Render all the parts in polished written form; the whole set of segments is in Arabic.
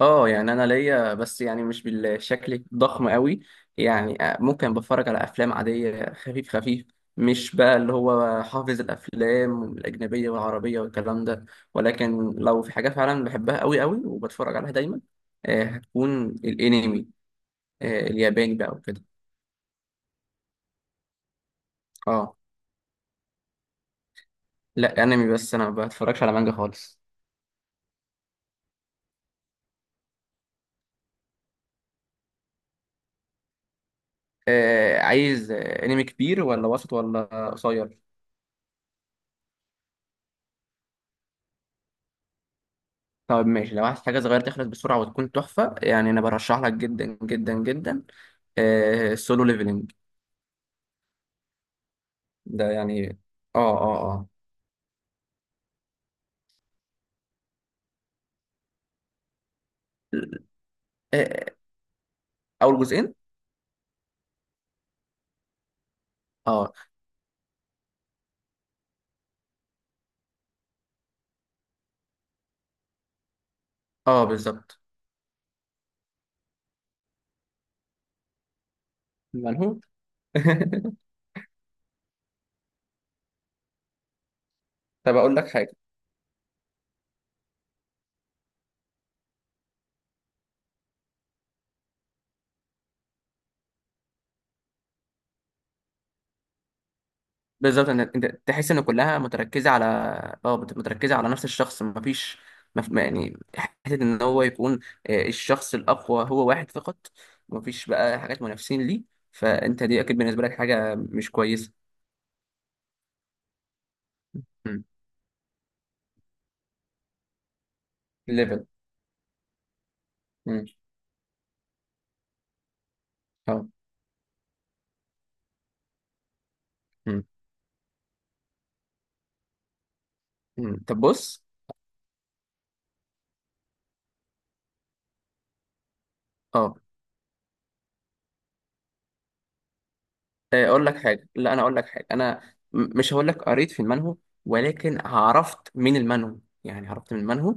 اه، يعني انا ليا بس يعني مش بالشكل الضخم قوي. يعني ممكن بتفرج على افلام عاديه، خفيف خفيف. مش بقى اللي هو حافظ الافلام الاجنبيه والعربيه والكلام ده. ولكن لو في حاجه فعلا بحبها قوي قوي وبتفرج عليها دايما، هتكون الانمي. الياباني بقى وكده. اه، لا، انمي بس، انا ما بتفرجش على مانجا خالص. عايز، انمي كبير ولا وسط ولا قصير؟ طب ماشي، لو عايز حاجة صغيرة تخلص بسرعة وتكون تحفة، يعني أنا برشح لك جدا جدا جدا. سولو ليفلنج. ده يعني. اه، اه، اه. آه، آه، أول جزئين. اه، اه، بالظبط. منهو. طب أقول لك حاجة. بالظبط، أنت تحس إن كلها متركزة على. اه، متركزة على نفس الشخص، مفيش. يعني حتة إن هو يكون، الشخص الأقوى هو واحد فقط. مفيش بقى حاجات منافسين ليه. فأنت دي أكيد بالنسبة لك حاجة مش كويسة. ليفل. مم. اه. مم. مم. طب بص. اه، اقول لك حاجه. لا، انا اقول لك حاجه، انا مش هقول لك قريت في المنهو. ولكن عرفت من المنهو، يعني عرفت من المنهو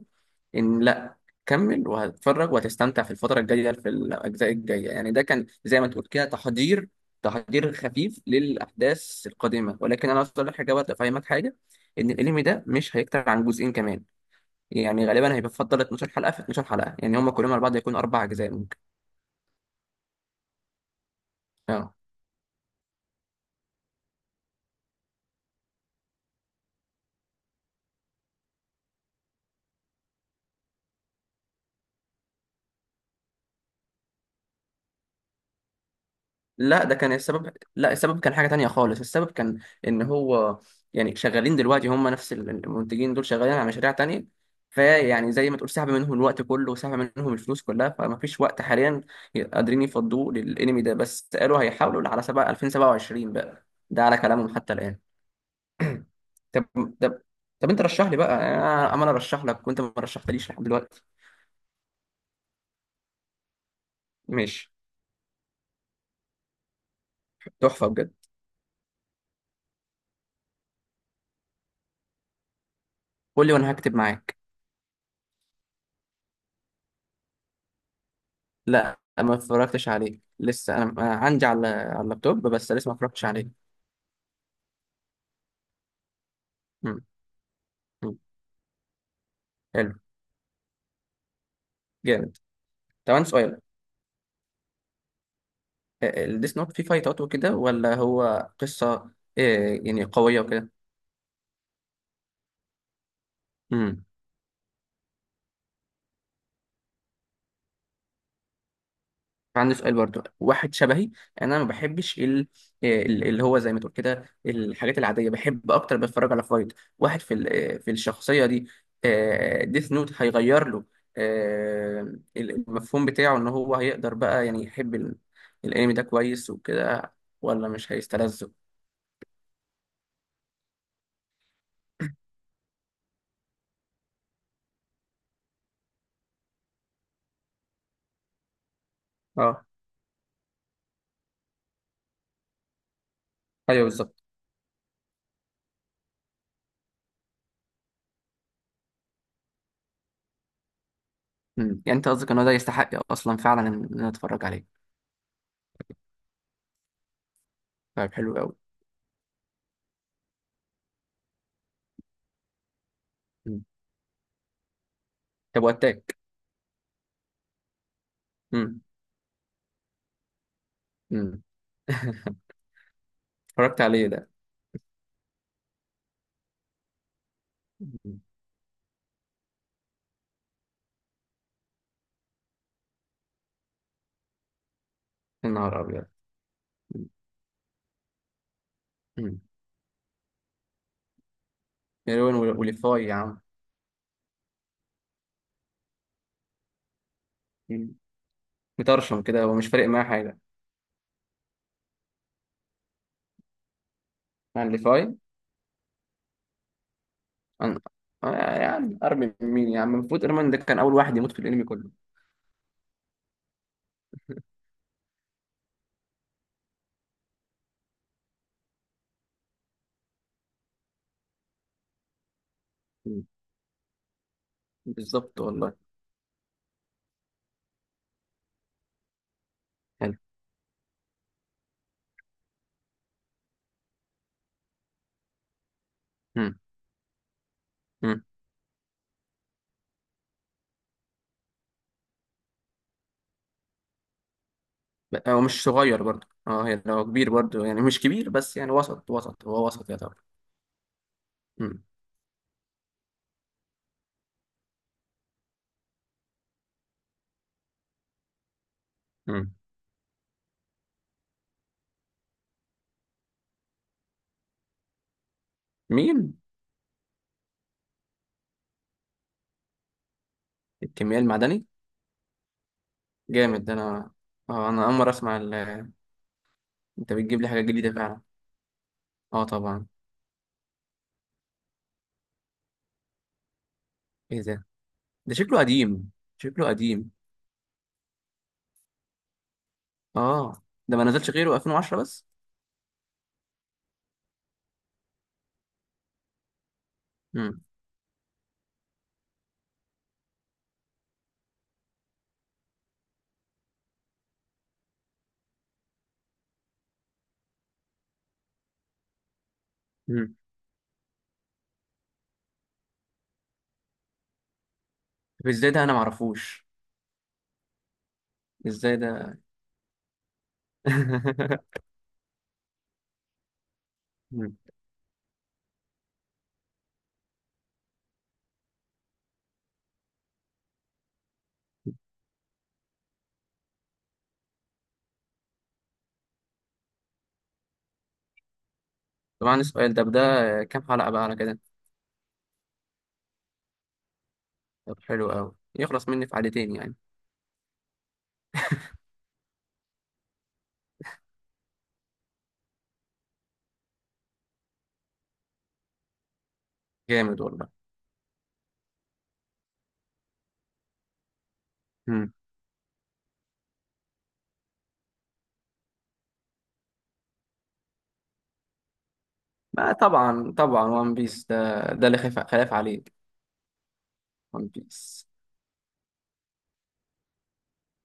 ان لا، كمل وهتتفرج وهتستمتع في الفتره الجايه، في الاجزاء الجايه. يعني ده كان زي ما تقول كده تحضير، تحضير خفيف للاحداث القادمه. ولكن انا اقول لك حاجه برضه، افهمك حاجه. ان الانمي ده مش هيكتر عن جزئين كمان. يعني غالبا هيبقى فضل 12 حلقه، في 12 حلقه، يعني هم كلهم على بعض يكونوا اربع اجزاء ممكن. اه، لا ده كان السبب، لا، السبب كان حاجة تانية خالص. السبب كان ان هو، يعني شغالين دلوقتي هم نفس المنتجين، دول شغالين على مشاريع تانية. فيعني زي ما تقول، سحب منهم الوقت كله، وسحب منهم الفلوس كلها، فما فيش وقت حاليا قادرين يفضوه للانمي ده. بس قالوا هيحاولوا على سبعة 2027 بقى، ده على كلامهم حتى الآن. طب طب طب، انت رشح لي بقى، انا عمال ارشح لك وانت ما رشحتليش لحد دلوقتي. ماشي. تحفة بجد. قول لي وانا هكتب معاك. لا، ما اتفرجتش عليه لسه، أنا عندي على اللابتوب، بس لسه ما اتفرجتش عليه. مم. مم. حلو. جامد. طب عندي سؤال. الديس نوت فيه فايتات وكده ولا هو قصة، يعني قوية وكده؟ عندي سؤال برضو واحد شبهي. انا ما بحبش اللي هو زي ما تقول كده، الحاجات العاديه بحب اكتر، بتفرج على فايت واحد في في الشخصيه دي. ديث نوت هيغير له المفهوم بتاعه، ان هو هيقدر بقى يعني يحب الانمي ده كويس وكده، ولا مش هيستلذه؟ اه، ايوه، بالظبط. مم. يعني انت قصدك ان هو ده يستحق اصلا فعلا ان انا اتفرج عليه؟ طيب حلو قوي. مم. طب واتاك؟ مم. مم. اتفرجت عليه ده. مم. يا نهار ابيض. مم. مليون، وليفاي يا عم. مم. مطرشم كده ومش فارق معاه حاجة. يعني ليفاي. أنا أنا، يعني أرمي مين يا عم، المفروض إيرمان ده كان أول واحد يموت في الأنمي كله. مم. بالظبط والله. حلو. مم. مم. بقى هو مش صغير برضه، اه هي هو كبير برضه، يعني مش كبير بس، يعني وسط وسط، هو وسط يا طبعا. مم. مم. مين؟ الكيمياء المعدني. جامد ده، أنا. اه، أنا أول مرة أسمع أنت بتجيب لي حاجة جديدة فعلا. اه، طبعا. إيه ده؟ ده شكله قديم. شكله قديم. اه، ده ما نزلش غيره 2010 بس. امم امم طب ازاي ده انا ما اعرفوش؟ ازاي ده؟ مم. طبعا السؤال ده كام حلقة بقى على كده؟ طب حلو قوي، يخلص مني في حلقتين يعني. جامد والله. امم. ما طبعا طبعا، وان بيس ده، ده اللي خلاف خلاف عليه. وان بيس.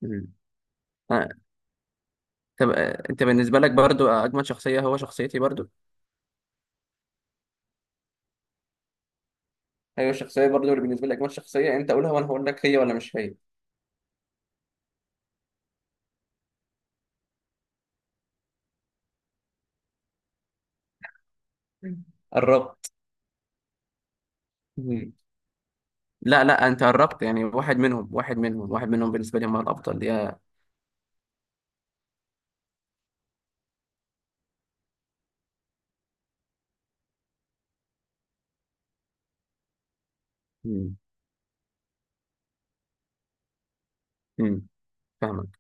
امم. آه. طب، انت بالنسبة لك برضو اجمد شخصية هو شخصيتي برضو؟ ايوه، الشخصية برضو اللي بالنسبة لك اجمد شخصية، انت قولها وانا هقول لك هي ولا مش هي. مم. قربت. لا، لا، انت قربت يعني، واحد منهم، واحد منهم، واحد منهم بالنسبه لي هم الافضل، يا. مم. مم. فاهمك.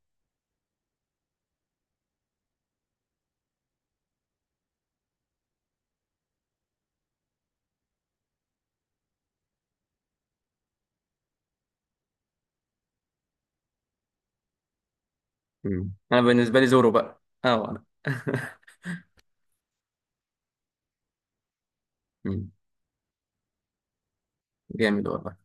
مم. انا بالنسبه لي زورو بقى، اه انا. مم. جامد والله.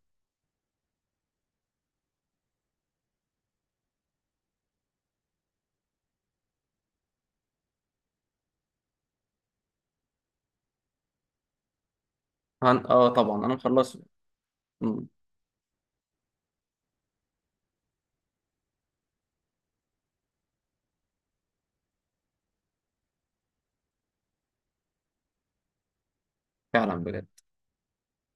اه، طبعا انا مخلصه. مم. فعلا بجد.